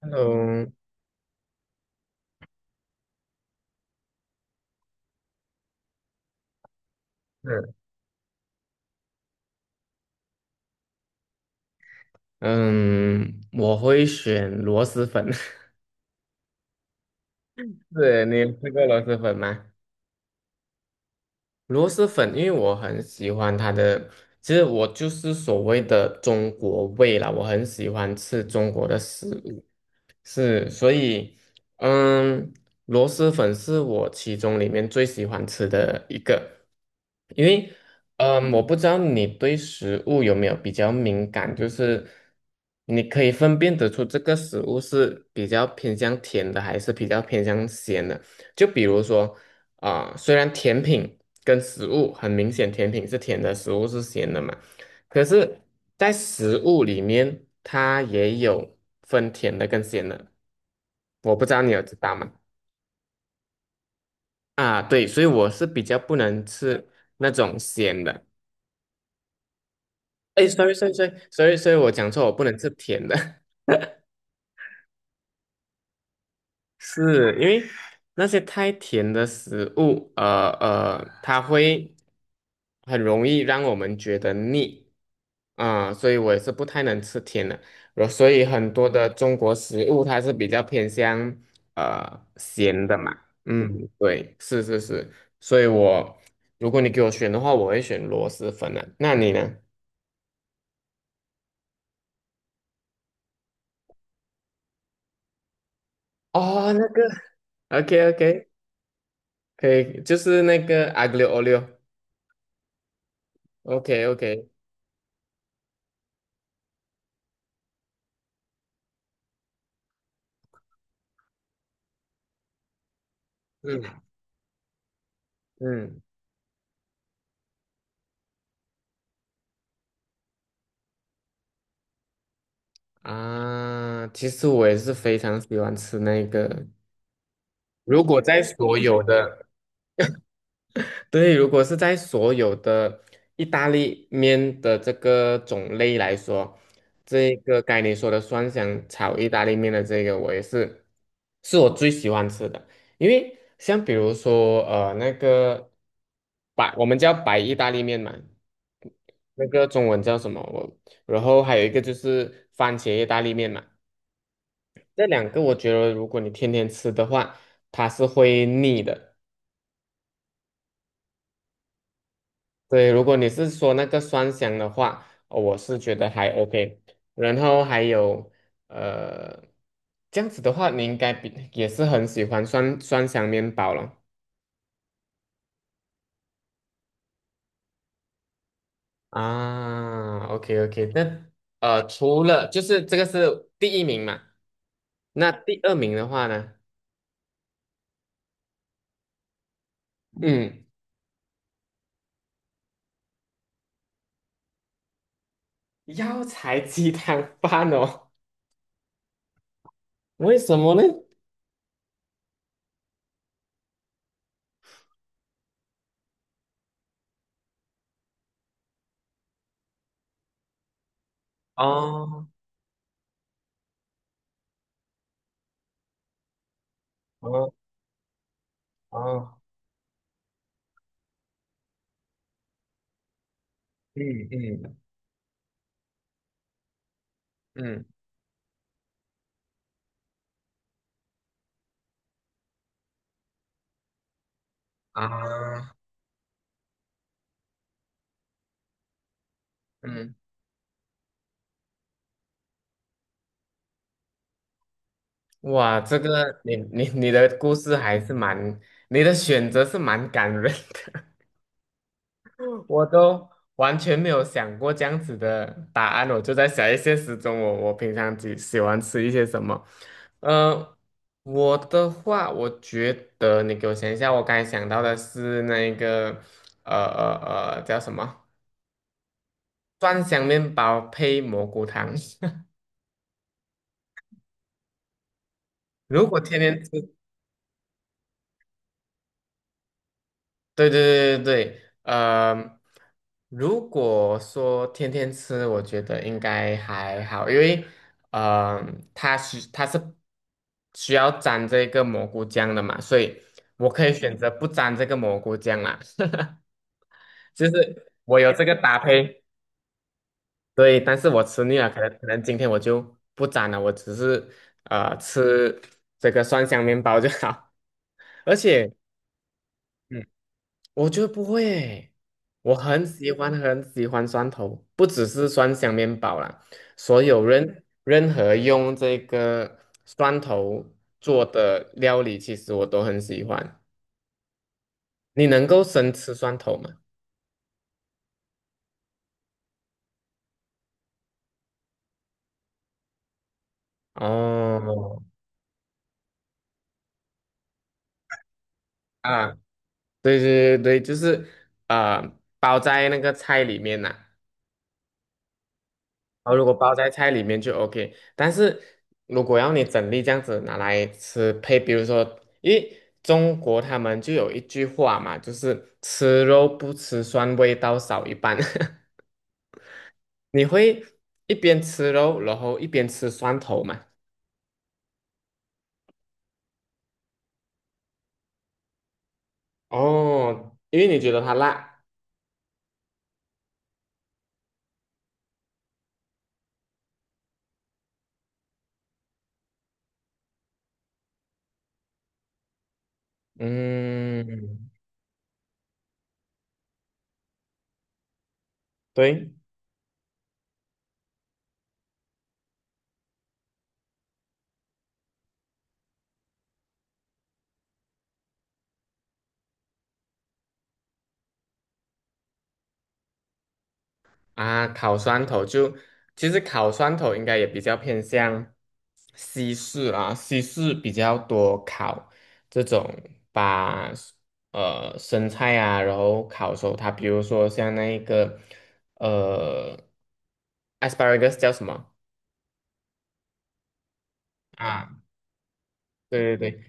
Hello。嗯嗯，我会选螺蛳粉。是你有吃过螺蛳粉吗？螺蛳粉，因为我很喜欢它的，其实我就是所谓的中国味啦，我很喜欢吃中国的食物。是，所以，嗯，螺蛳粉是我其中里面最喜欢吃的一个，因为，嗯，我不知道你对食物有没有比较敏感，就是你可以分辨得出这个食物是比较偏向甜的，还是比较偏向咸的。就比如说，啊、虽然甜品跟食物很明显，甜品是甜的，食物是咸的嘛，可是，在食物里面，它也有分甜的跟咸的，我不知道你有知道吗？啊，对，所以我是比较不能吃那种咸的。哎，sorry sorry sorry sorry sorry我讲错，我不能吃甜的，是因为那些太甜的食物，呃呃，它会很容易让我们觉得腻。啊、所以我也是不太能吃甜的，然后所以很多的中国食物它是比较偏向咸的嘛。嗯，对，是是是，所以我如果你给我选的话，我会选螺蛳粉啊，那你呢？哦，那个，OK OK,可以，就是那个阿格六欧六，OK OK,嗯嗯啊，其实我也是非常喜欢吃那个，如果在所有的。对，如果是在所有的意大利面的这个种类来说，这个该你说的蒜香炒意大利面的这个，我也是，是我最喜欢吃的。因为像比如说，呃，那个白，我们叫白意大利面嘛，那个中文叫什么？我，然后还有一个就是番茄意大利面嘛，这两个我觉得如果你天天吃的话，它是会腻的。对，如果你是说那个酸香的话，哦我是觉得还 OK。然后还有呃，这样子的话，你应该比也是很喜欢酸酸香面包了啊。OK OK,那除了就是这个是第一名嘛，那第二名的话呢，嗯，药材鸡汤饭哦，为什么呢？哦哦哦，嗯嗯嗯啊，嗯。哇，这个你的故事还是蛮，你的选择是蛮感人的。我都完全没有想过这样子的答案，我就在想一些时钟我平常喜欢吃一些什么，呃，我的话，我觉得你给我想一下，我刚才想到的是那个叫什么蒜香面包配蘑菇汤。如果天天吃对对对对对，呃，如果说天天吃，我觉得应该还好，因为呃，它是需要沾这个蘑菇酱的嘛，所以我可以选择不沾这个蘑菇酱啦。就是我有这个搭配，对，但是我吃腻了，可能今天我就不沾了，我只是吃这个蒜香面包就好。而且。嗯。我觉得不会欸，我很喜欢很喜欢蒜头，不只是蒜香面包啦，所有任何用这个蒜头做的料理，其实我都很喜欢。你能够生吃蒜头吗？哦，啊，对对对对，就是啊、包在那个菜里面呐、然后如果包在菜里面就 OK,但是如果要你整粒这样子拿来吃配，比如说，因为中国他们就有一句话嘛，就是吃肉不吃蒜，味道少一半。你会一边吃肉，然后一边吃蒜头嘛？哦，因为你觉得它辣。嗯，对。啊，烤蒜头就其实烤蒜头应该也比较偏向西式啊，西式比较多烤这种把生菜啊，然后烤熟它，比如说像那一个呃 asparagus 叫什么？啊，对对对，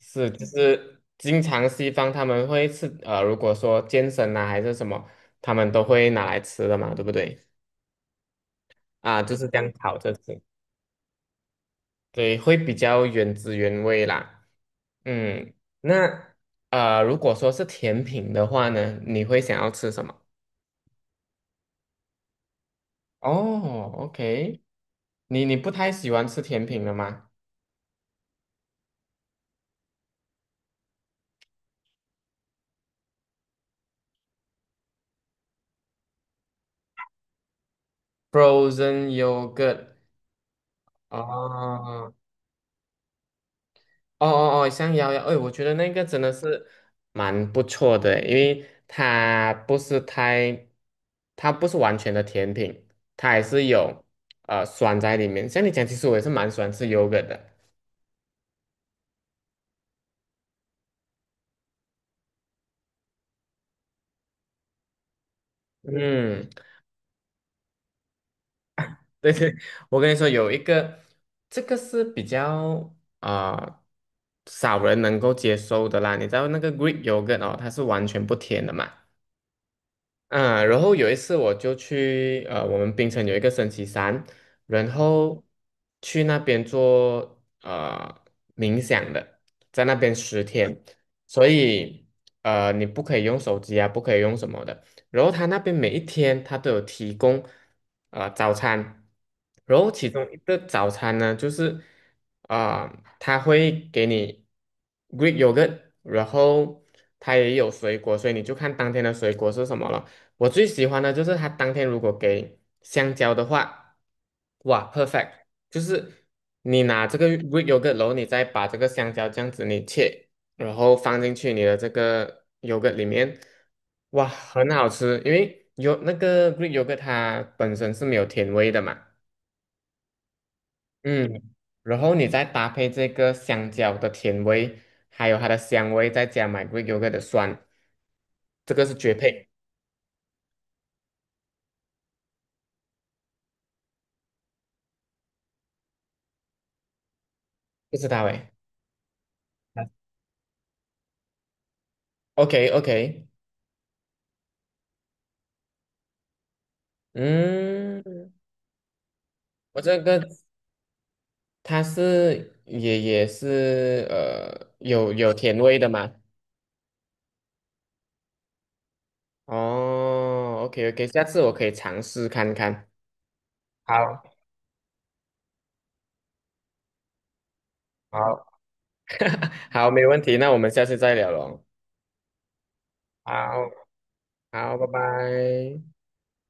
是，就是经常西方他们会吃，呃，如果说健身啊还是什么，他们都会拿来吃的嘛，对不对？啊，就是这样烤着吃。对，会比较原汁原味啦。嗯，那呃，如果说是甜品的话呢，你会想要吃什么？哦，OK,你你不太喜欢吃甜品了吗？Frozen yogurt,哦哦哦，香摇摇，哎，我觉得那个真的是蛮不错的，因为它不是太，它不是完全的甜品，它还是有酸在里面。像你讲，其实我也是蛮喜欢吃 yogurt 的。嗯。对对，我跟你说，有一个，这个是比较啊、少人能够接受的啦。你知道那个 Greek yogurt 哦，它是完全不甜的嘛。嗯，然后有一次我就去呃，我们槟城有一个升旗山，然后去那边做冥想的，在那边10天，所以你不可以用手机啊，不可以用什么的。然后他那边每一天他都有提供早餐，然后其中一个早餐呢就是啊、他会给你 Greek yogurt,然后它也有水果，所以你就看当天的水果是什么了。我最喜欢的就是它当天如果给香蕉的话，哇，perfect,就是你拿这个 Greek yogurt,然后你再把这个香蕉这样子你切，然后放进去你的这个 yogurt 里面，哇，很好吃，因为有那个 Greek yogurt 它本身是没有甜味的嘛，嗯，然后你再搭配这个香蕉的甜味，还有它的香味，再加买 Greek yogurt 的酸，这个是绝配，不知道诶。OK OK。嗯，我这个它是也是有甜味的嘛？哦，OK OK,下次我可以尝试看看。好，好，好，没问题，那我们下次再聊喽。好，好，拜拜。